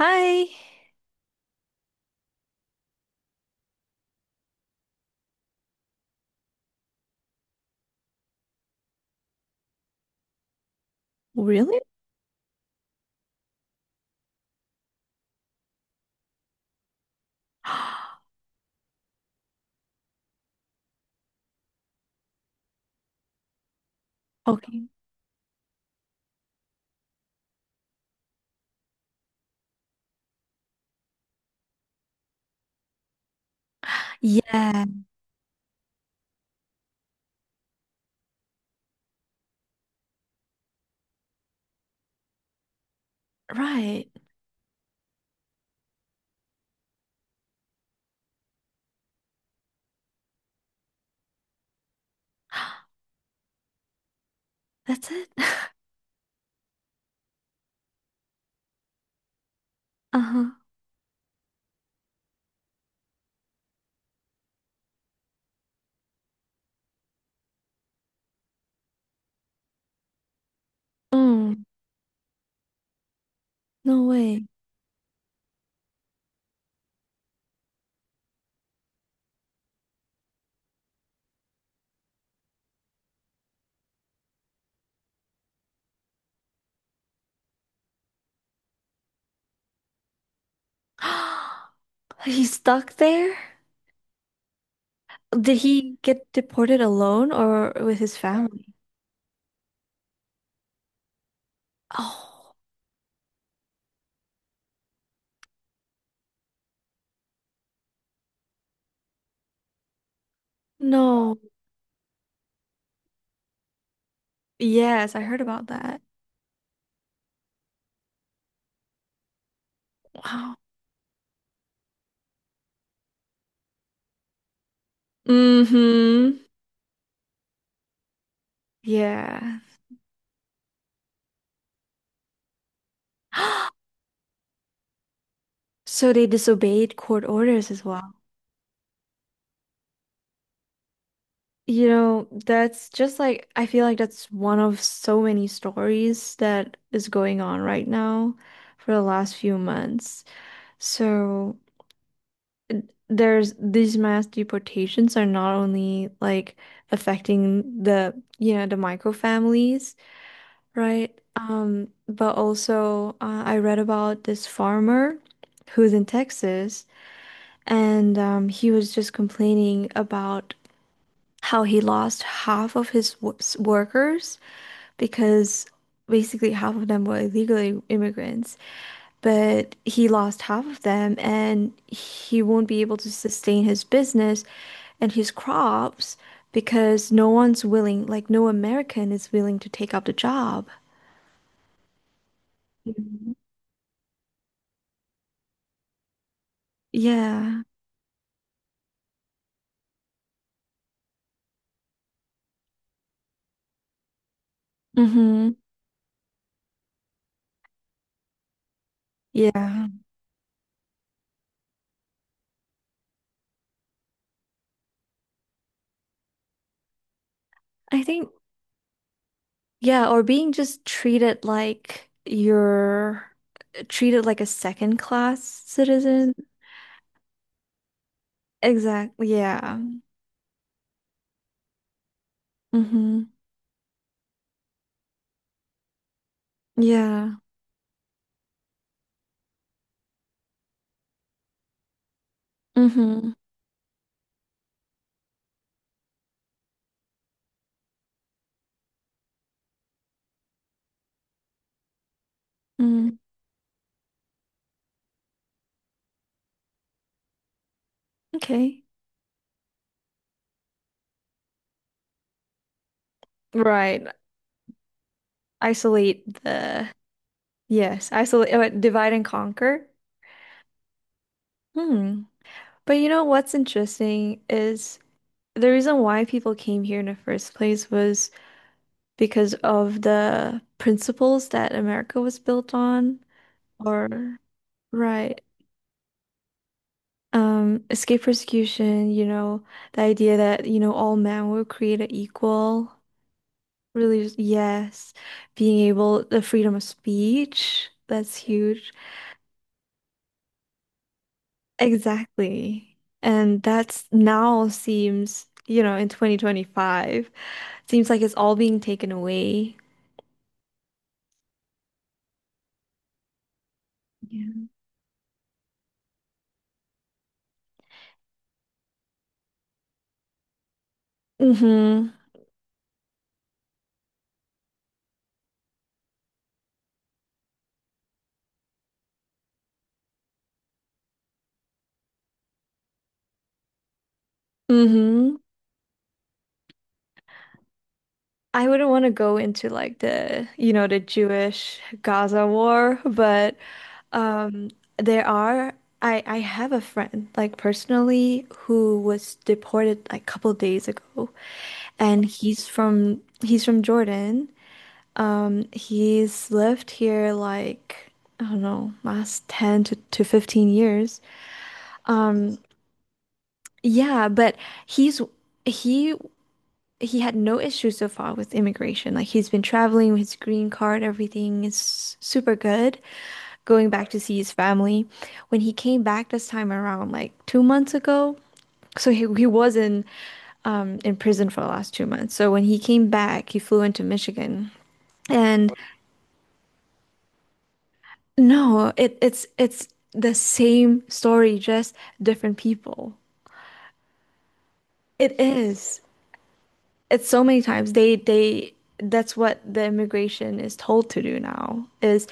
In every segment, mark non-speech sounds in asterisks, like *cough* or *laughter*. Hi. Really? *gasps* Okay. Yeah. Right. *gasps* That's it. *laughs* Uh-huh. Mm, no way. *gasps* He's stuck there? Did he get deported alone or with his family? Oh, no. Yes, I heard about that. Wow. Mm-hmm. Yeah. *gasps* So they disobeyed court orders as well. That's just like, I feel like that's one of so many stories that is going on right now for the last few months. So there's these mass deportations are not only like affecting the micro families, right? But also I read about this farmer who's in Texas and he was just complaining about how he lost half of his workers because basically half of them were illegal immigrants, but he lost half of them and he won't be able to sustain his business and his crops because no one's willing, like no American is willing to take up the job. Mhm. Yeah. Mm-hmm. Yeah. I think, yeah, or being just treated like you're treated like a second class citizen. Exactly. Yeah. Mm-hmm. Yeah. Mm-hmm. Mm, okay. Right. Isolate the, yes, isolate, divide and conquer. Hmm. But you know what's interesting is the reason why people came here in the first place was because of the principles that America was built on, or right. Escape persecution, the idea that all men were created equal. Really, yes. Being able, the freedom of speech, that's huge. Exactly. And that's now seems in 2025, seems like it's all being taken away. Yeah. Mm-hmm. Mm-hmm. I wouldn't want to go into like the Jewish Gaza war, but um there are I have a friend like personally who was deported like a couple days ago and he's from Jordan. He's lived here like, I don't know, last 10 to 15 years. Um, yeah, but he's he he had no issues so far with immigration. Like he's been traveling with his green card, everything is super good. Going back to see his family. When he came back this time around, like 2 months ago, so he was in prison for the last 2 months. So when he came back, he flew into Michigan. And No, it's the same story, just different people. It is. It's so many times they that's what the immigration is told to do now is,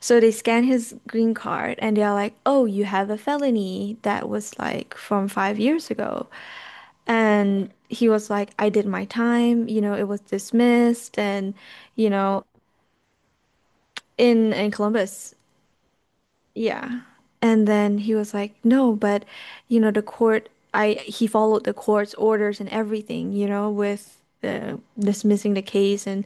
so they scan his green card and they're like, "Oh, you have a felony that was like from 5 years ago." And he was like, "I did my time, it was dismissed and you know, in Columbus." Yeah. And then he was like, no, but the court, I he followed the court's orders and everything, with the dismissing the case and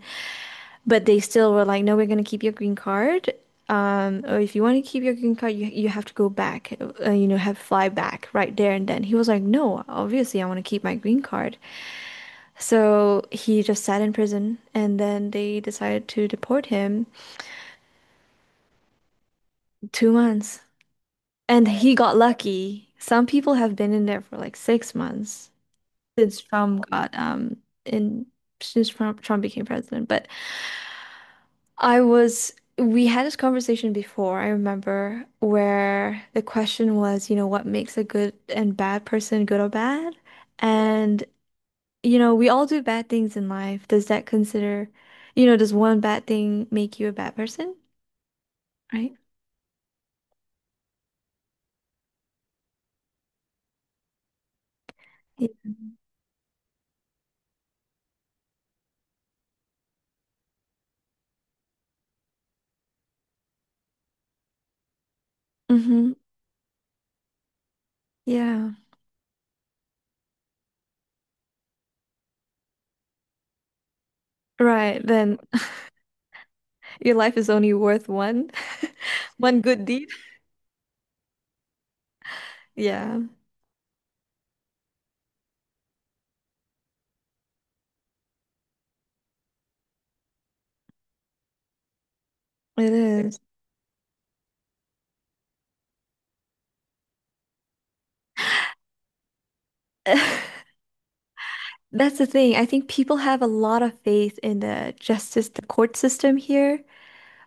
but they still were like, no, we're gonna keep your green card. Or if you want to keep your green card, you have to go back, have fly back right there and then. He was like, no, obviously I want to keep my green card. So he just sat in prison and then they decided to deport him. 2 months. And he got lucky. Some people have been in there for like 6 months since Trump got in, since Trump became president. But I was we had this conversation before, I remember, where the question was, what makes a good and bad person good or bad? And we all do bad things in life. Does that consider, you know, does one bad thing make you a bad person? Right? Yeah. Mm-hmm. Yeah. Right. Then your life is only worth one *laughs* one good deed. Yeah, it is. *laughs* That's the thing. I think people have a lot of faith in the justice, the court system here,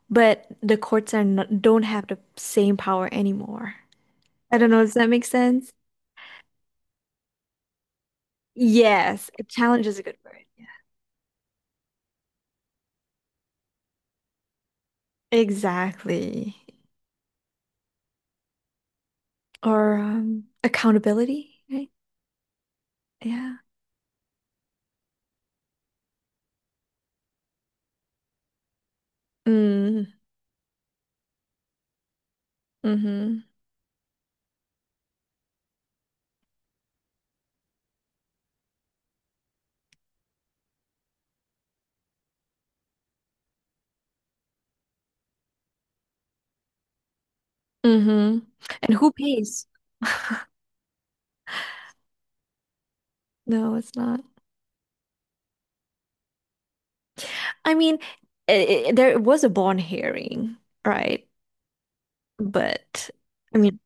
but the courts are not, don't have the same power anymore. I don't know, does that make sense? Yes, a challenge is a good word. Yeah. Exactly. Or accountability, right? Yeah. Mm, mm-hmm. Mm-hmm. And who pays? *laughs* No, it's not. I mean, I there was a bond hearing, right? But I mean,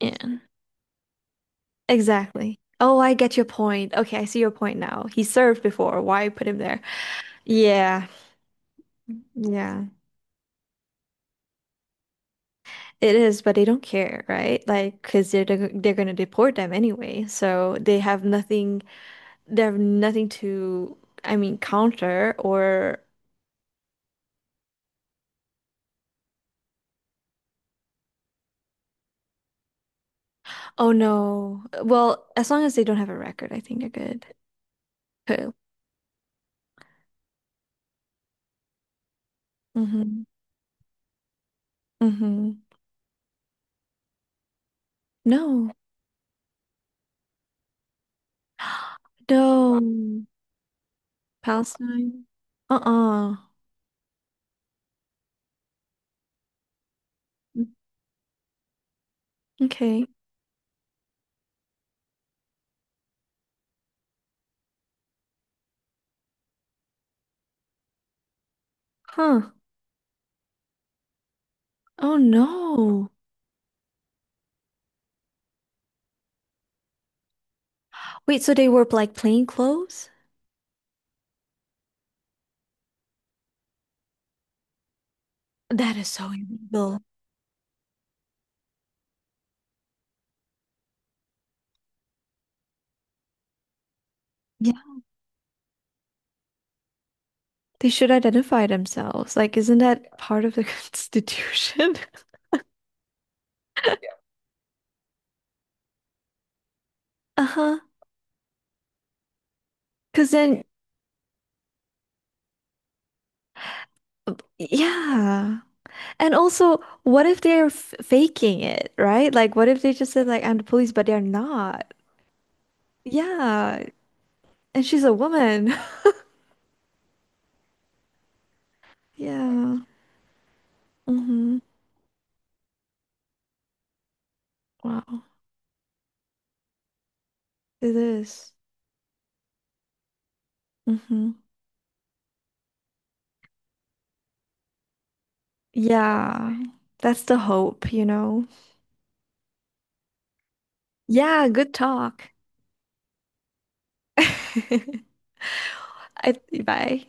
yeah, exactly. Oh, I get your point. Okay, I see your point now. He served before. Why put him there? Yeah, yeah, it is, but they don't care, right? Like, because they're gonna deport them anyway, so they have nothing. They have nothing to, I mean, counter or. Oh no. Well, as long as they don't have a record, I think they're good. Cool. Mm-hmm. Mm-hmm. No. No. Palestine. Uh-uh. Mm, Okay. Huh. Oh no. Wait, so they were like plain clothes? That is so illegal. Yeah. They should identify themselves. Like, isn't that part of the *laughs* Constitution? *laughs* Uh-huh. Because then, yeah. And also, what if they're f faking it, right? Like, what if they just said, like, I'm the police, but they're not? Yeah. And she's a woman. *laughs* Yeah. Mm-hmm. Wow. It is. Mm-hmm. Yeah, that's the hope. Yeah, good talk. *laughs* I, bye.